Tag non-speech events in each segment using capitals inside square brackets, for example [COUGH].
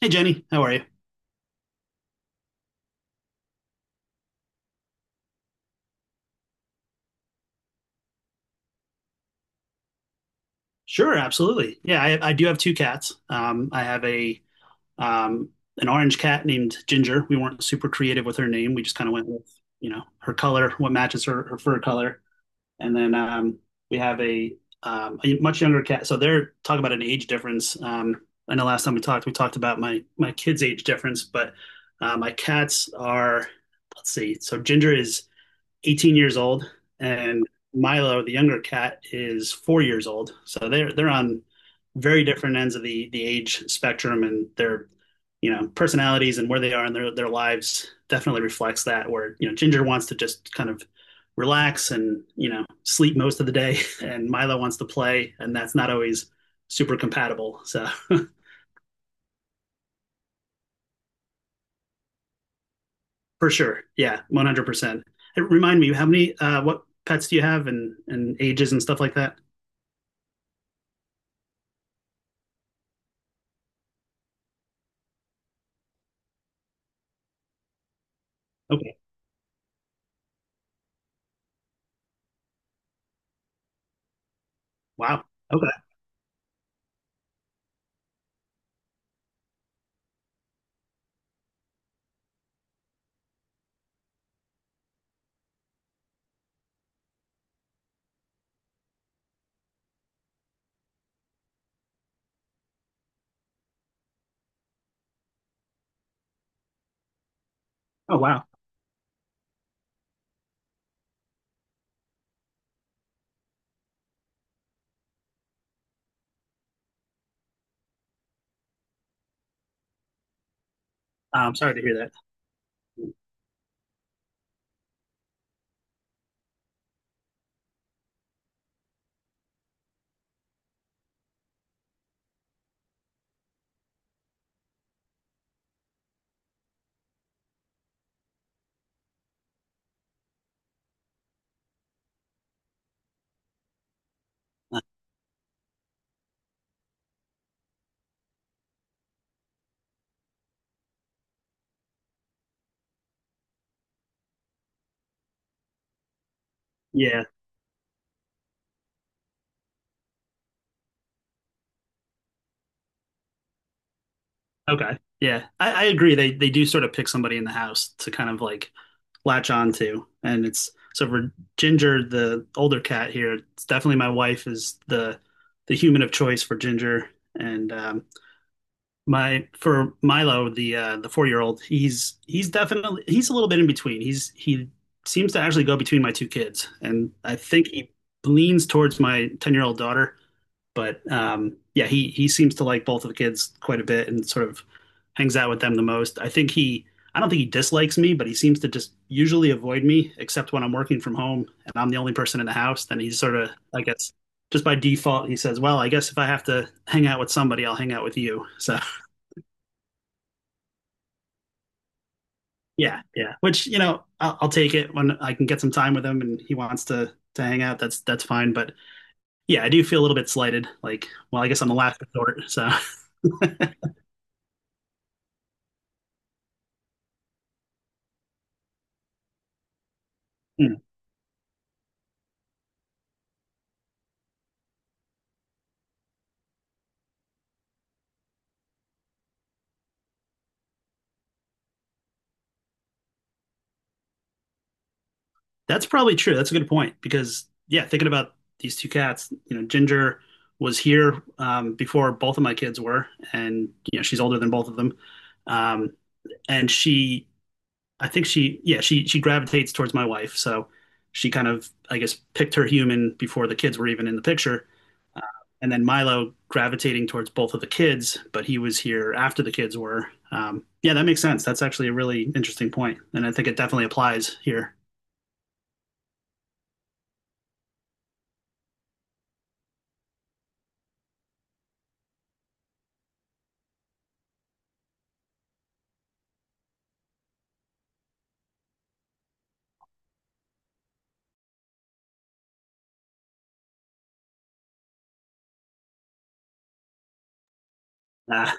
Hey, Jenny, how are you? Sure, absolutely. Yeah, I do have two cats. I have a um, an orange cat named Ginger. We weren't super creative with her name. We just kind of went with her color, what matches her fur color. And then we have a much younger cat. So they're talking about an age difference. I know last time we talked about my kids' age difference, but my cats are, let's see. So Ginger is 18 years old, and Milo, the younger cat, is 4 years old. So they're on very different ends of the age spectrum, and their personalities and where they are in their lives definitely reflects that. Where Ginger wants to just kind of relax and sleep most of the day, [LAUGHS] and Milo wants to play, and that's not always super compatible. So [LAUGHS] for sure, yeah, 100%. Hey, remind me, how many what pets do you have, and ages and stuff like that? Okay, wow, okay. Oh wow. I'm sorry to hear that. Uh, yeah. Okay. Yeah. I agree. They do sort of pick somebody in the house to kind of like latch on to. And it's so for Ginger, the older cat here, it's definitely my wife is the human of choice for Ginger. And my for Milo, the 4 year old, he's definitely he's a little bit in between. He seems to actually go between my two kids. And I think he leans towards my 10 year old daughter. But yeah, he seems to like both of the kids quite a bit and sort of hangs out with them the most. I think he I don't think he dislikes me, but he seems to just usually avoid me, except when I'm working from home and I'm the only person in the house. Then he's sort of, I guess, just by default, he says, "Well, I guess if I have to hang out with somebody, I'll hang out with you." [LAUGHS] So yeah, yeah. Which I'll take it when I can get some time with him and he wants to hang out. That's fine. But yeah, I do feel a little bit slighted. Like, well, I guess I'm the last resort. So. [LAUGHS] Hmm. That's probably true. That's a good point because yeah, thinking about these two cats, you know, Ginger was here before both of my kids were, and you know, she's older than both of them. Um, and she, I think she, yeah, she gravitates towards my wife, so she kind of, I guess, picked her human before the kids were even in the picture. Uh, and then Milo gravitating towards both of the kids, but he was here after the kids were. Yeah, that makes sense. That's actually a really interesting point, and I think it definitely applies here. Uh,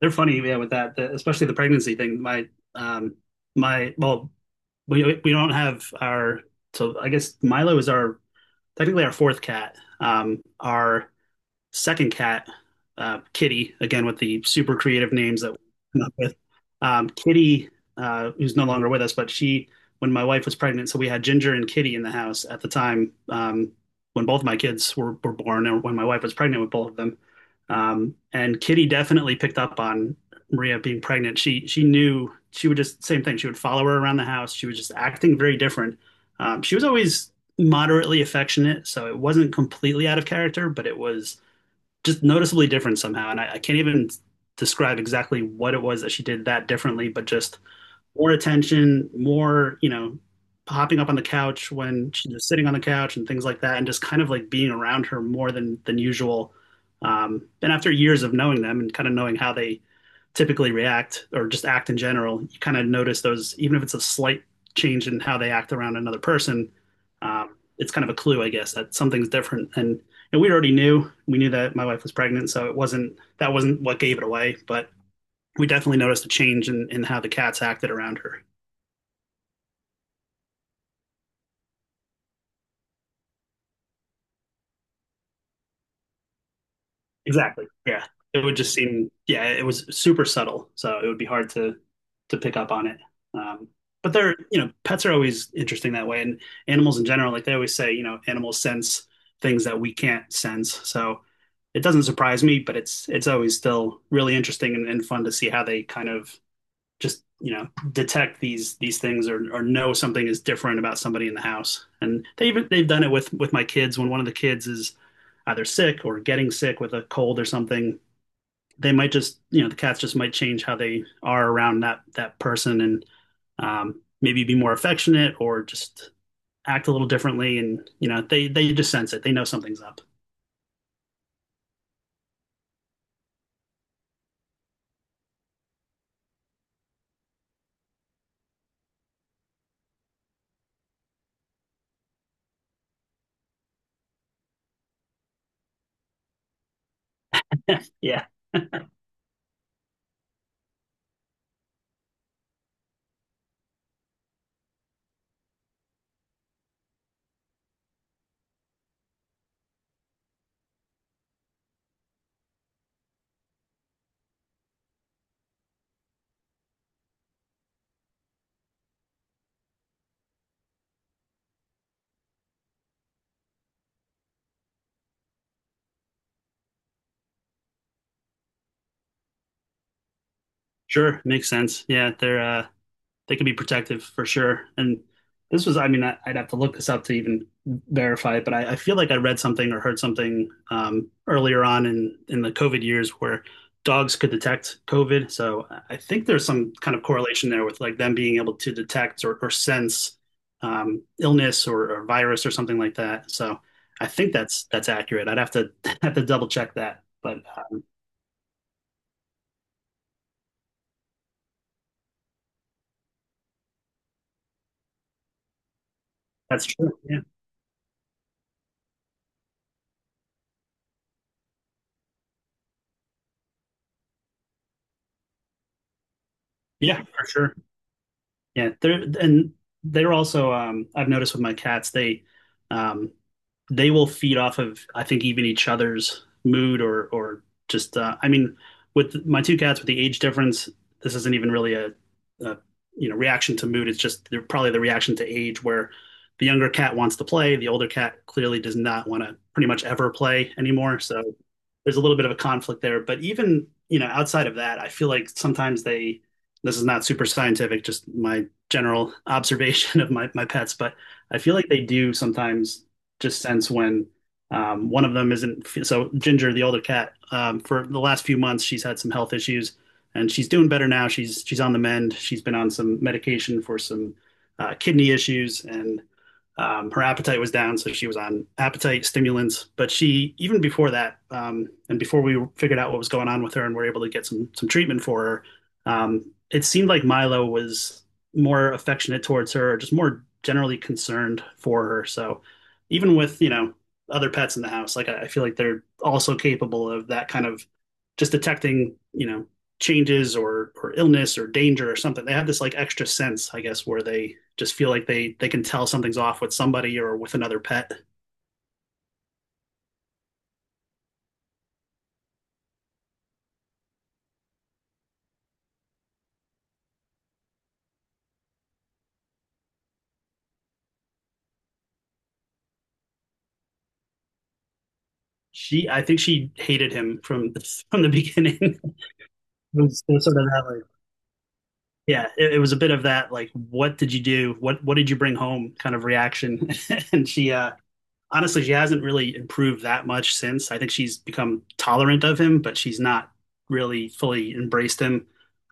They're funny, yeah, with that, especially the pregnancy thing. Um, my, we don't so I guess Milo is our technically our fourth cat. Our second cat, Kitty, again with the super creative names that we came up with. Kitty, who's no longer with us, when my wife was pregnant, so we had Ginger and Kitty in the house at the time when both my kids were born, or when my wife was pregnant with both of them. And Kitty definitely picked up on Maria being pregnant. She knew she would just same thing. She would follow her around the house. She was just acting very different. She was always moderately affectionate, so it wasn't completely out of character, but it was just noticeably different somehow. And I can't even describe exactly what it was that she did that differently, but just more attention, more, you know, hopping up on the couch when she's just sitting on the couch and things like that, and just kind of like being around her more than usual. And after years of knowing them and kind of knowing how they typically react or just act in general, you kind of notice those, even if it's a slight change in how they act around another person, it's kind of a clue, I guess, that something's different. And we already knew, we knew that my wife was pregnant, so it wasn't, that wasn't what gave it away, but we definitely noticed a change in how the cats acted around her. Exactly. Yeah. It would just seem, yeah, it was super subtle, so it would be hard to pick up on it. Um, but they're, you know, pets are always interesting that way, and animals in general, like they always say, you know, animals sense things that we can't sense. So it doesn't surprise me, but it's always still really interesting and fun to see how they kind of just you know detect these things or know something is different about somebody in the house and they even they've done it with my kids when one of the kids is either sick or getting sick with a cold or something they might just you know the cats just might change how they are around that person and maybe be more affectionate or just act a little differently and you know they just sense it they know something's up. Yeah, sure makes sense, yeah, they're they can be protective for sure. And this was, I mean, I would have to look this up to even verify it, but I feel like I read something or heard something earlier on in the COVID years where dogs could detect COVID. So I think there's some kind of correlation there with like them being able to detect or sense illness or virus or something like that. So I think that's accurate. I'd have to [LAUGHS] have to double check that, but that's true. Yeah, yeah, for sure. Yeah, they're and they're also I've noticed with my cats um they will feed off of I think even each other's mood or just I mean with my two cats with the age difference this isn't even really a you know reaction to mood it's just they're probably the reaction to age where the younger cat wants to play the older cat clearly does not want to pretty much ever play anymore so there's a little bit of a conflict there. But even, you know, outside of that, I feel like sometimes this is not super scientific, just my general [LAUGHS] observation of my pets, but I feel like they do sometimes just sense when one of them isn't. So Ginger, the older cat, for the last few months, she's had some health issues and she's doing better now. She's on the mend. She's been on some medication for some kidney issues and her appetite was down, so she was on appetite stimulants. But she, even before that, and before we figured out what was going on with her and were able to get some treatment for her, it seemed like Milo was more affectionate towards her, or just more generally concerned for her. So even with you know other pets in the house, like I feel like they're also capable of that kind of just detecting you know changes or illness or danger or something. They have this like extra sense, I guess, where they just feel like they can tell something's off with somebody or with another pet. She, I think she hated him from the, [LAUGHS] from the beginning. [LAUGHS] It was, it was sort of that, like, yeah, it was a bit of that, like, what did you do? What did you bring home? Kind of reaction. [LAUGHS] And she, honestly, she hasn't really improved that much since. I think she's become tolerant of him, but she's not really fully embraced him.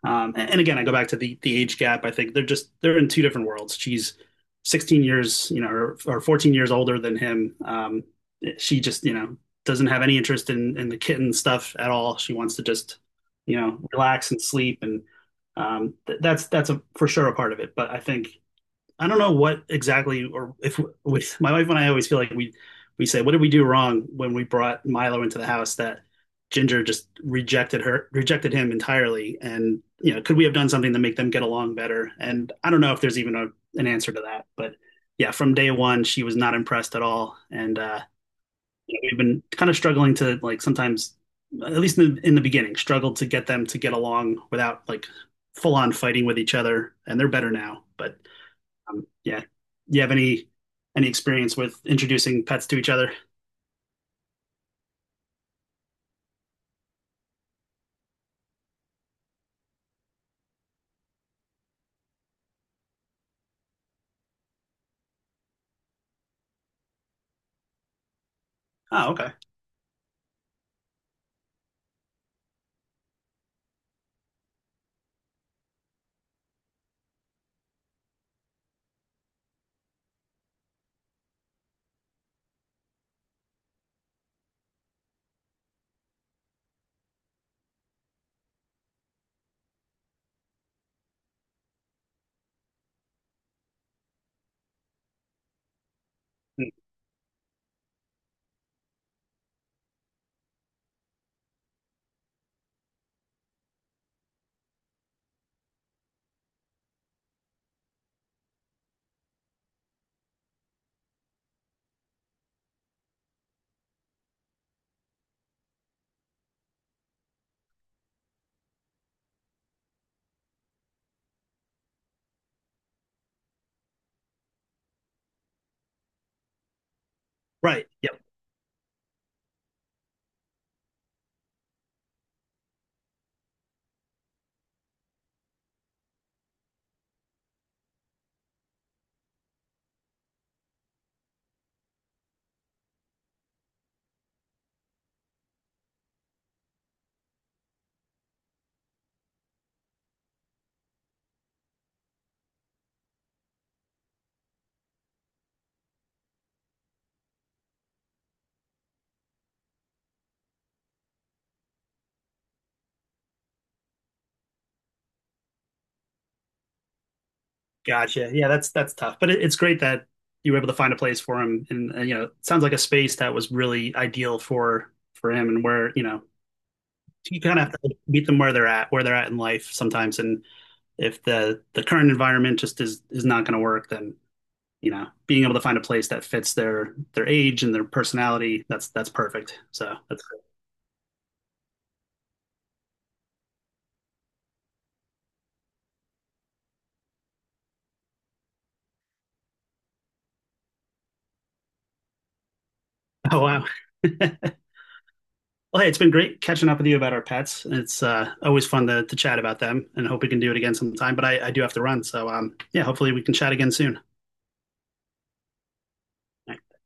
And again, I go back to the age gap. I think they're in two different worlds. She's 16 years, you know, or 14 years older than him. She just, you know, doesn't have any interest in the kitten stuff at all. She wants to just, you know, relax and sleep, and that's a for sure a part of it. But I think I don't know what exactly, or if we, my wife and I always feel like we say, what did we do wrong when we brought Milo into the house that Ginger just rejected him entirely, and you know, could we have done something to make them get along better? And I don't know if there's even an answer to that, but yeah, from day one, she was not impressed at all, and we've been kind of struggling to like at least in the beginning, struggled to get them to get along without like full on fighting with each other, and they're better now, but yeah. You have any experience with introducing pets to each other? Oh, okay. Mm, right. Yep. Gotcha. Yeah, that's tough, but it's great that you were able to find a place for him, and you know, it sounds like a space that was really ideal for him, and where you know you kind of have to meet them where they're at in life sometimes, and if the current environment just is not going to work, then you know, being able to find a place that fits their age and their personality, that's perfect. So that's great. Oh wow. [LAUGHS] Well, hey, it's been great catching up with you about our pets. It's always fun to chat about them and hope we can do it again sometime. But I do have to run. So, yeah, hopefully we can chat again soon. All right.